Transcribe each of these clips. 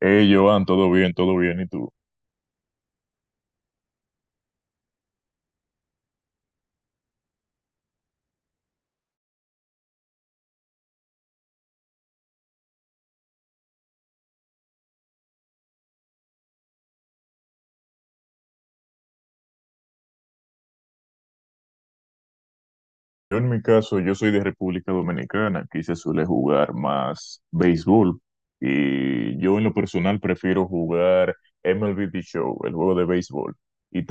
Hey, Joan, todo bien, todo bien. ¿Y tú? Yo en mi caso, yo soy de República Dominicana, aquí se suele jugar más béisbol y yo en lo personal prefiero jugar MLB The Show, el juego de béisbol, y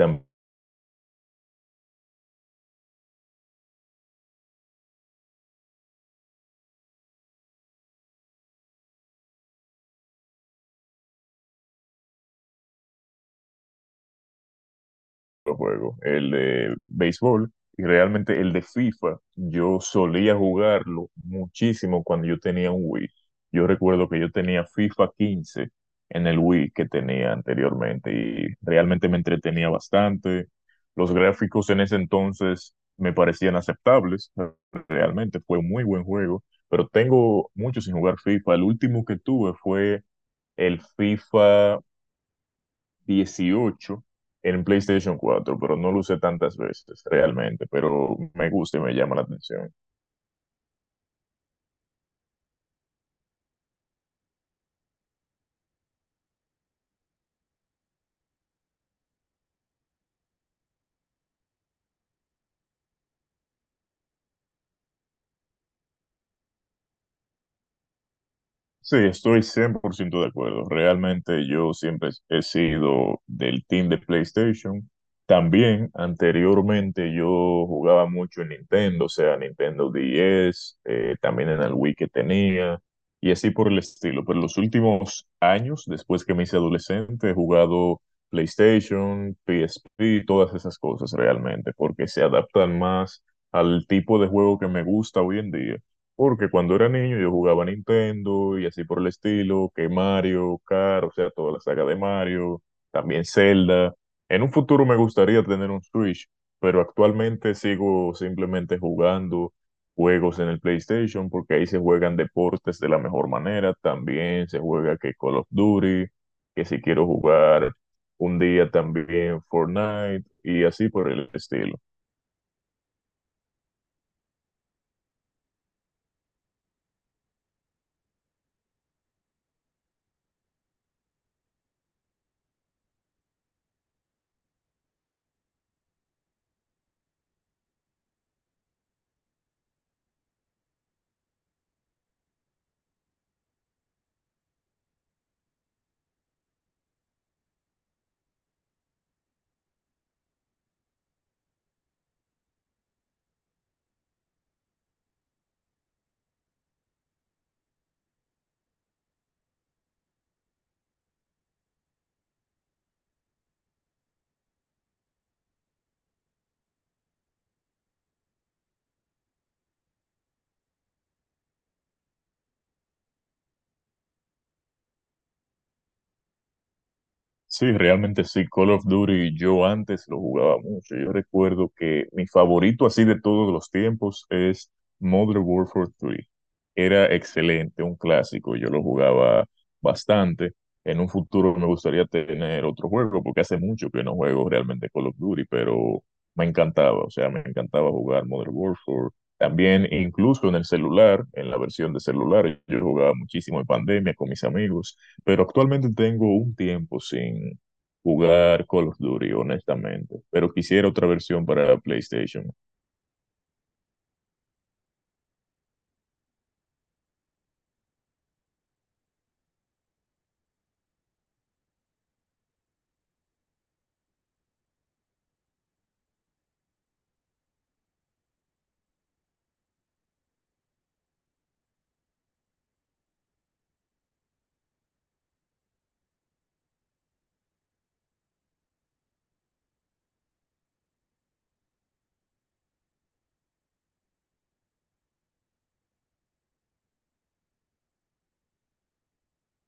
juego, el de béisbol, y realmente el de FIFA, yo solía jugarlo muchísimo cuando yo tenía un Wii. Yo recuerdo que yo tenía FIFA 15 en el Wii que tenía anteriormente y realmente me entretenía bastante. Los gráficos en ese entonces me parecían aceptables, realmente fue un muy buen juego, pero tengo mucho sin jugar FIFA. El último que tuve fue el FIFA 18 en PlayStation cuatro, pero no lo usé tantas veces realmente, pero me gusta y me llama la atención. Sí, estoy 100% de acuerdo. Realmente yo siempre he sido del team de PlayStation. También anteriormente yo jugaba mucho en Nintendo, o sea, Nintendo 10, también en el Wii que tenía y así por el estilo. Pero los últimos años, después que me hice adolescente, he jugado PlayStation, PSP, todas esas cosas realmente, porque se adaptan más al tipo de juego que me gusta hoy en día. Porque cuando era niño yo jugaba Nintendo y así por el estilo, que Mario, Kart, o sea, toda la saga de Mario, también Zelda. En un futuro me gustaría tener un Switch, pero actualmente sigo simplemente jugando juegos en el PlayStation porque ahí se juegan deportes de la mejor manera. También se juega que Call of Duty, que si quiero jugar un día también Fortnite y así por el estilo. Sí, realmente sí, Call of Duty yo antes lo jugaba mucho. Yo recuerdo que mi favorito así de todos los tiempos es Modern Warfare 3. Era excelente, un clásico, yo lo jugaba bastante. En un futuro me gustaría tener otro juego, porque hace mucho que no juego realmente Call of Duty, pero me encantaba, o sea, me encantaba jugar Modern Warfare. También incluso en el celular, en la versión de celular, yo jugaba muchísimo en pandemia con mis amigos, pero actualmente tengo un tiempo sin jugar Call of Duty, honestamente. Pero quisiera otra versión para PlayStation.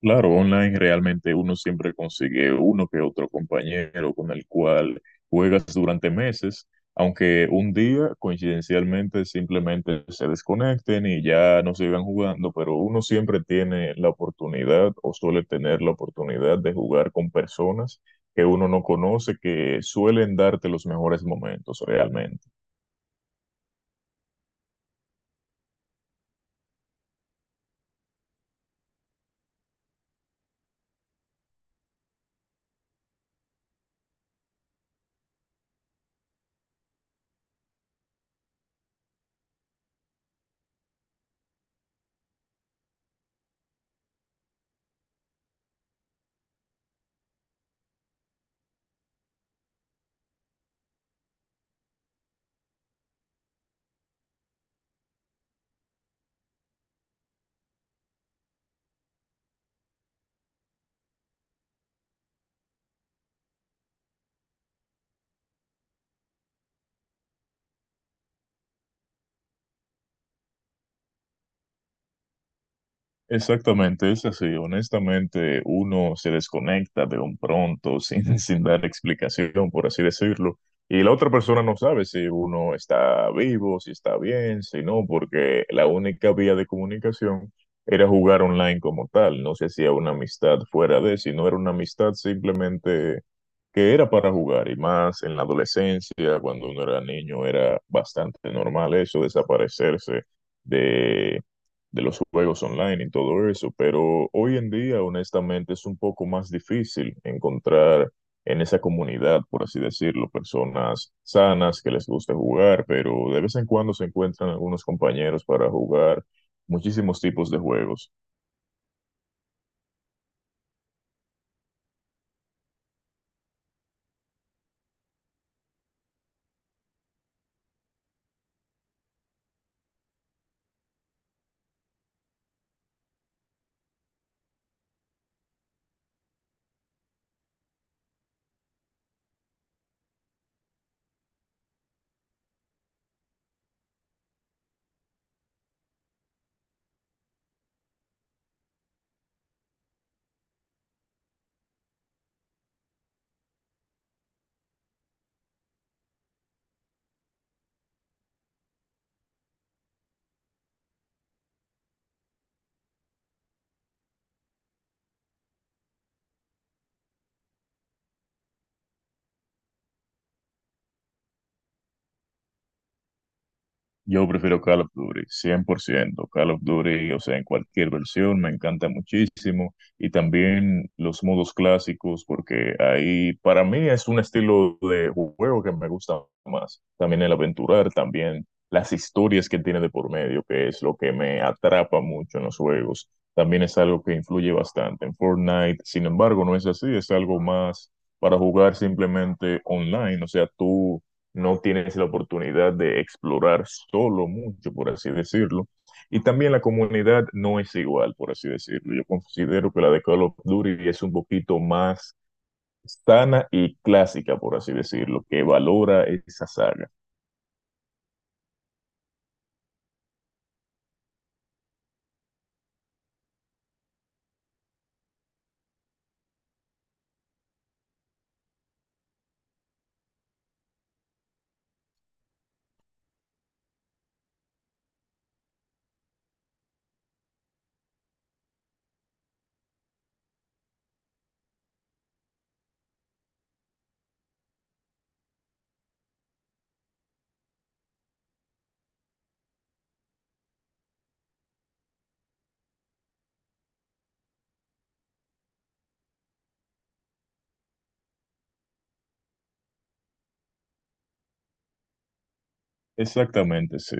Claro, online realmente uno siempre consigue uno que otro compañero con el cual juegas durante meses, aunque un día coincidencialmente simplemente se desconecten y ya no sigan jugando, pero uno siempre tiene la oportunidad o suele tener la oportunidad de jugar con personas que uno no conoce, que suelen darte los mejores momentos realmente. Exactamente, es así. Honestamente, uno se desconecta de un pronto sin, sin dar explicación, por así decirlo, y la otra persona no sabe si uno está vivo, si está bien, si no, porque la única vía de comunicación era jugar online como tal. No se hacía una amistad fuera de, si no era una amistad simplemente que era para jugar, y más en la adolescencia, cuando uno era niño, era bastante normal eso, desaparecerse de de los juegos online y todo eso, pero hoy en día, honestamente, es un poco más difícil encontrar en esa comunidad, por así decirlo, personas sanas que les guste jugar, pero de vez en cuando se encuentran algunos compañeros para jugar muchísimos tipos de juegos. Yo prefiero Call of Duty, 100% Call of Duty, o sea, en cualquier versión, me encanta muchísimo. Y también los modos clásicos, porque ahí para mí es un estilo de juego que me gusta más. También el aventurar, también las historias que tiene de por medio, que es lo que me atrapa mucho en los juegos. También es algo que influye bastante en Fortnite. Sin embargo, no es así, es algo más para jugar simplemente online. O sea, tú no tienes la oportunidad de explorar solo mucho, por así decirlo. Y también la comunidad no es igual, por así decirlo. Yo considero que la de Call of Duty es un poquito más sana y clásica, por así decirlo, que valora esa saga. Exactamente, sí.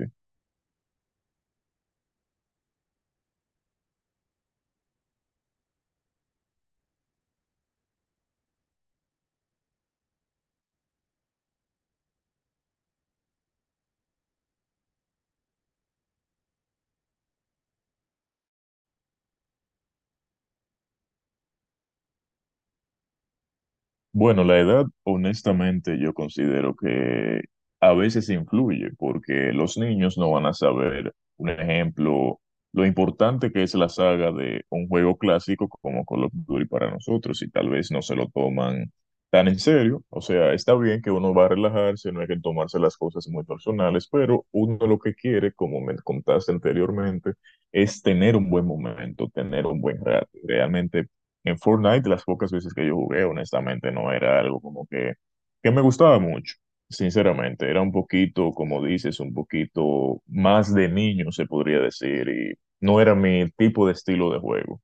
Bueno, la edad, honestamente, yo considero que a veces influye, porque los niños no van a saber, un ejemplo, lo importante que es la saga de un juego clásico como Call of Duty para nosotros, y tal vez no se lo toman tan en serio. O sea, está bien que uno va a relajarse, no hay que tomarse las cosas muy personales, pero uno lo que quiere, como me contaste anteriormente, es tener un buen momento, tener un buen rato. Realmente en Fortnite, las pocas veces que yo jugué, honestamente, no era algo como que me gustaba mucho, sinceramente. Era un poquito, como dices, un poquito más de niño, se podría decir, y no era mi tipo de estilo de juego.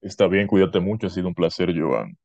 Está bien, cuídate mucho, ha sido un placer, Joan.